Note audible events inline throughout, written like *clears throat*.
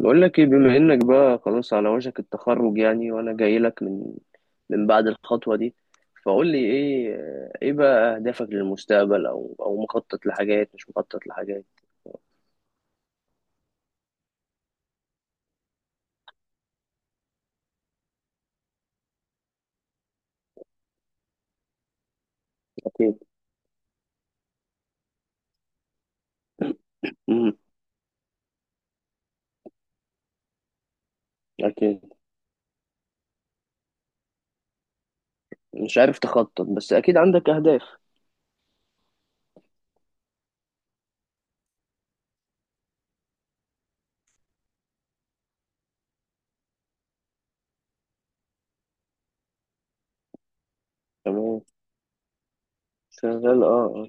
بقول لك ايه؟ بما انك بقى خلاص على وشك التخرج يعني وانا جاي لك من بعد الخطوة دي. فقول لي ايه، ايه بقى اهدافك للمستقبل؟ او مخطط لحاجات مش مخطط لحاجات؟ اكيد. امم. اكيد. مش عارف تخطط بس اكيد عندك اهداف. تمام. شغال. اه، اه.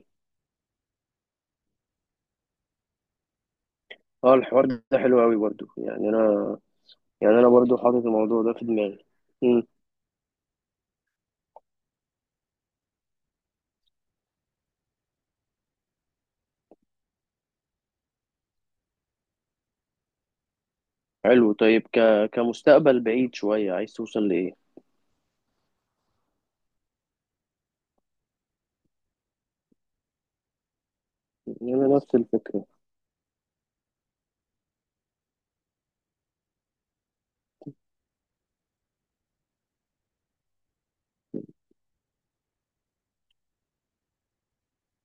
آه، الحوار ده حلو قوي برضو، يعني انا. يعني انا برضو حاطط الموضوع ده في دماغي. امم. حلو. طيب، كمستقبل بعيد شوية عايز توصل لايه؟ يعني انا نفس الفكرة.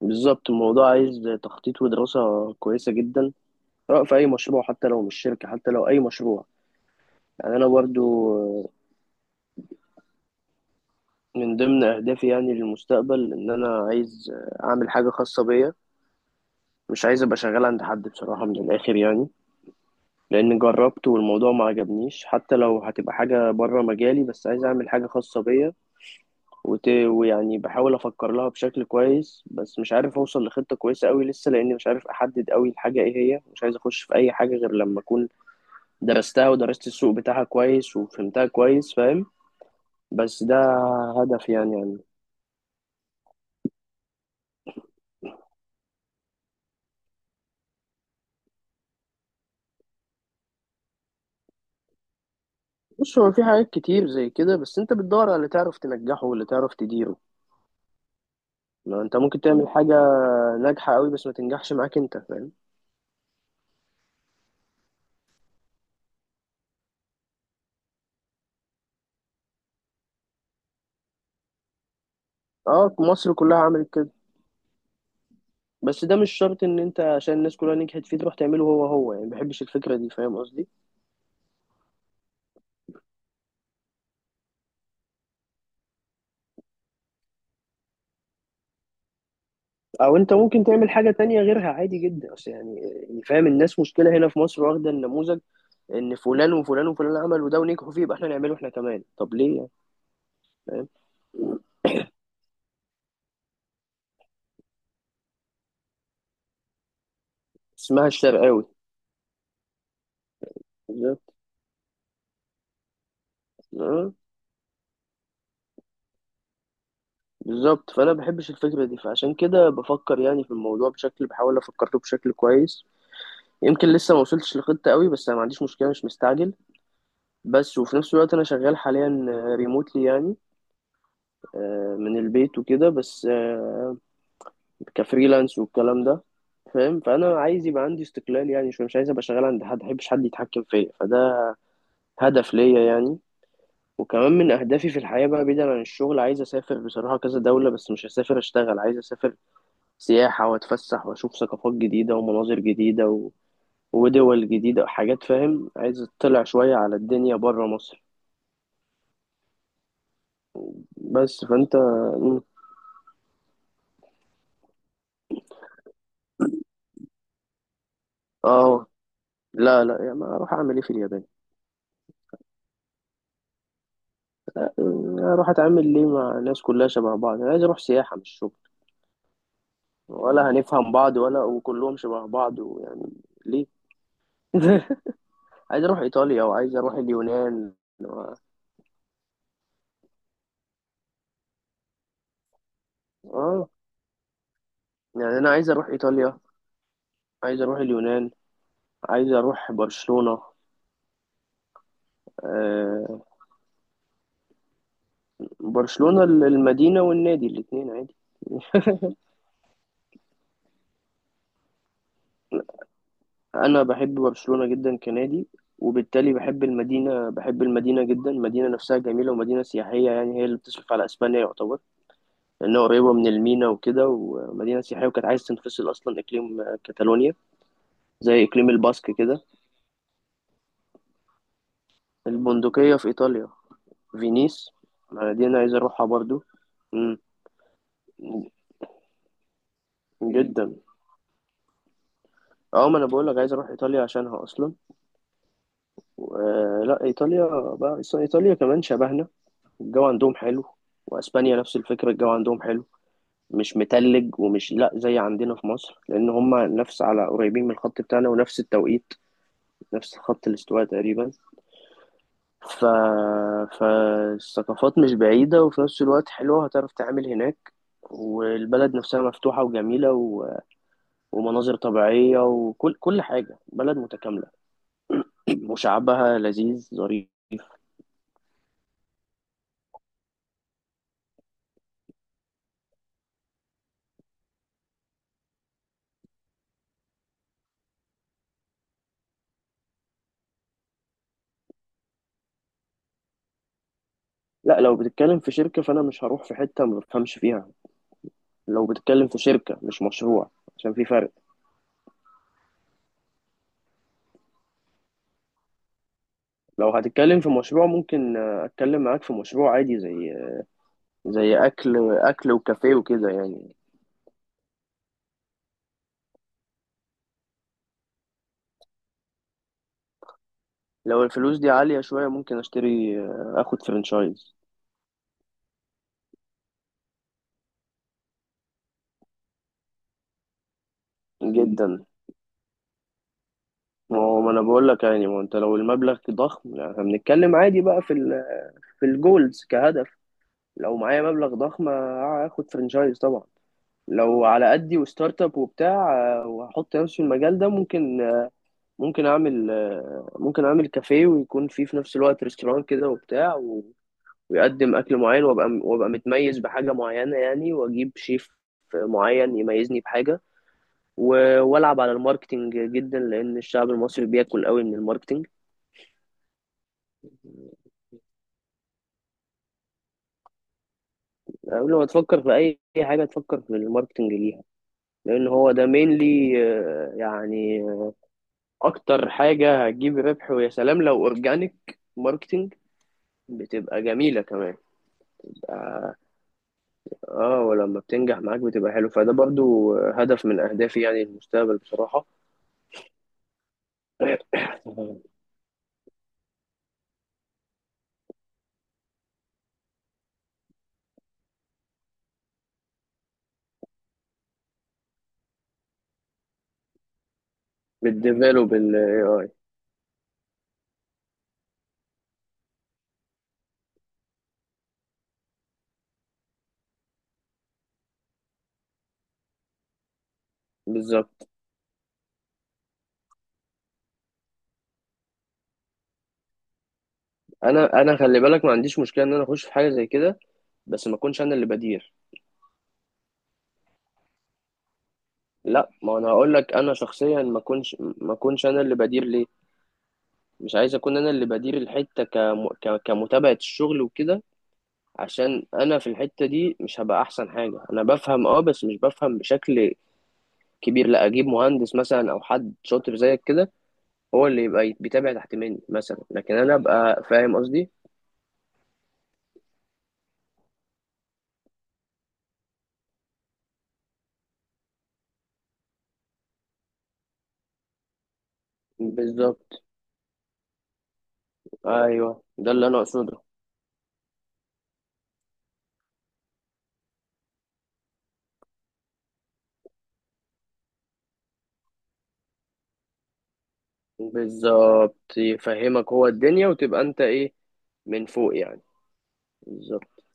بالظبط، الموضوع عايز تخطيط ودراسة كويسة جدا. سواء في أي مشروع، حتى لو مش شركة، حتى لو أي مشروع. يعني أنا برضو، من ضمن أهدافي يعني للمستقبل، إن أنا عايز أعمل حاجة خاصة بيا. مش عايز أبقى شغال عند حد بصراحة، من الآخر يعني. لأن جربت والموضوع ما عجبنيش، حتى لو هتبقى حاجة بره مجالي، بس عايز أعمل حاجة خاصة بيا. ويعني بحاول أفكر لها بشكل كويس، بس مش عارف أوصل لخطة كويسة أوي لسه، لأني مش عارف أحدد أوي الحاجة إيه هي. مش عايز أخش في أي حاجة غير لما أكون درستها ودرست السوق بتاعها كويس وفهمتها كويس، فاهم؟ بس ده هدف يعني بص، هو في حاجات كتير زي كده، بس انت بتدور على اللي تعرف تنجحه واللي تعرف تديره. ما انت ممكن تعمل حاجة ناجحة قوي بس ما تنجحش معاك، انت فاهم؟ اه، مصر كلها عملت كده. بس ده مش شرط ان انت عشان الناس كلها نجحت فيه تروح تعمله هو هو، يعني ما بحبش الفكرة دي، فاهم قصدي؟ او انت ممكن تعمل حاجة تانية غيرها عادي جدا، اصل يعني فاهم، الناس مشكلة هنا في مصر واخدة النموذج. ان فلان وفلان وفلان عملوا ده ونجحوا فيه، يبقى احنا نعمله احنا كمان، طب ليه يعني؟ فاهم. اسمها الشرقاوي. بالظبط. آه، بالظبط، فانا بحبش الفكره دي، فعشان كده بفكر يعني في الموضوع بشكل، بحاول افكر له بشكل كويس. يمكن لسه ما وصلتش لخطه قوي، بس انا ما عنديش مشكله، مش مستعجل. بس وفي نفس الوقت انا شغال حاليا ريموتلي يعني، من البيت وكده، بس كفريلانس والكلام ده، فاهم. فانا عايز يبقى عندي استقلال يعني شويه، مش عايز ابقى شغال عند حد، ما بحبش حد يتحكم فيا، فده هدف ليا يعني. وكمان من أهدافي في الحياة بقى، بعيدا عن الشغل، عايز أسافر بصراحة كذا دولة، بس مش هسافر أشتغل، عايز أسافر سياحة وأتفسح وأشوف ثقافات جديدة ومناظر جديدة ودول جديدة، حاجات، فاهم. عايز أطلع شوية على الدنيا برا مصر. بس فأنت. مم. آه، لا، لا، يعني ما أروح أعمل إيه في اليابان؟ يعني أروح أتعامل ليه مع ناس كلها شبه بعض؟ أنا عايز أروح سياحة مش شغل. ولا هنفهم بعض، ولا وكلهم شبه بعض، ويعني ليه؟ *laughs* عايز أروح إيطاليا، وعايز أروح اليونان و... آه يعني انا عايز اروح ايطاليا، عايز اروح اليونان، عايز اروح برشلونة. آه، برشلونة المدينة والنادي الاتنين عادي. انا بحب برشلونة جدا كنادي، وبالتالي بحب المدينة جدا. المدينة نفسها جميلة ومدينة سياحية، يعني هي اللي بتصرف على اسبانيا يعتبر. لانها قريبة من المينا وكده، ومدينة سياحية، وكانت عايز تنفصل اصلا، اقليم كاتالونيا. زي اقليم الباسك كده. البندقية في ايطاليا، فينيس، المدينة عايز اروحها برضو. مم. جدا. اه، ما انا بقول لك عايز اروح ايطاليا عشانها اصلا. لا، ايطاليا بقى أصل ايطاليا كمان شبهنا. الجو عندهم حلو. واسبانيا نفس الفكره، الجو عندهم حلو. مش متلج ومش لا زي عندنا في مصر، لان هم نفس على قريبين من الخط بتاعنا، ونفس التوقيت. نفس خط الاستواء تقريبا. ف... فالثقافات مش بعيده، وفي نفس الوقت حلوه هتعرف تعمل هناك. والبلد نفسها مفتوحه وجميله ومناظر طبيعيه، وكل حاجه، بلد متكامله. *clears throat* وشعبها لذيذ ظريف. لا، لو بتتكلم في شركة فأنا مش هروح في حتة ما بفهمش فيها. لو بتتكلم في شركة مش مشروع، عشان في فرق. لو هتتكلم في مشروع، ممكن أتكلم معاك في مشروع عادي، زي أكل أكل وكافيه وكده يعني. لو الفلوس دي عالية شوية، ممكن أشتري أخد فرنشايز. جدا. ما هو ما أنا بقول لك يعني، ما هو أنت لو المبلغ ضخم، لا، احنا بنتكلم عادي بقى في الجولز كهدف. لو معايا مبلغ ضخم، هاخد فرنشايز طبعا. لو على قدي وستارت اب وبتاع، وهحط نفسي في المجال ده، ممكن آه، ممكن اعمل آه، ممكن اعمل كافيه ويكون فيه في نفس الوقت ريستوران كده وبتاع ويقدم اكل معين، وابقى متميز بحاجه معينه يعني، واجيب شيف معين يميزني بحاجه. والعب على الماركتينج جدا، لان الشعب المصري بياكل قوي من الماركتينج. قبل ما تفكر في أي حاجه تفكر في الماركتنج ليها. لان هو ده مينلي يعني، اكتر حاجة هتجيب ربح، ويا سلام لو اورجانيك ماركتينج بتبقى جميلة كمان. اه ولما بتنجح معاك بتبقى حلو، فده برضو هدف من اهدافي يعني المستقبل بصراحة. بالديفلوب الاي اي. بالظبط. انا خلي بالك، ما عنديش مشكله ان انا اخش في حاجه زي كده، بس ما اكونش انا اللي بدير. لا، ما انا هقول لك انا شخصيا ما اكونش انا اللي بدير ليه. مش عايز اكون انا اللي بدير الحته، كمتابعه الشغل وكده. عشان انا في الحتة دي مش هبقى احسن حاجة، انا بفهم اه بس مش بفهم بشكل كبير، لا اجيب مهندس مثلا او حد شاطر زيك كده. هو اللي يبقى بيتابع تحت مني مثلا، لكن انا ابقى، فاهم قصدي. بالظبط. ايوه ده اللي انا اقصده. بالظبط، يفهمك هو الدنيا، وتبقى انت ايه، من فوق يعني. بالظبط،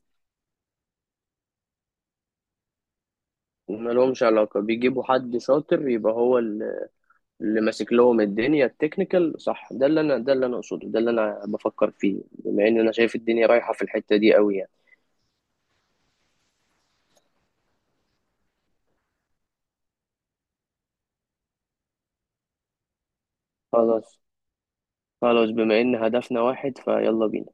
ملهمش علاقة، بيجيبوا حد شاطر يبقى هو اللي ماسك لهم الدنيا التكنيكال، صح، ده اللي انا اقصده، ده اللي انا بفكر فيه، بما ان انا شايف الدنيا رايحة في الحتة دي قوي يعني. خلاص، خلاص، بما ان هدفنا واحد، فيلا بينا.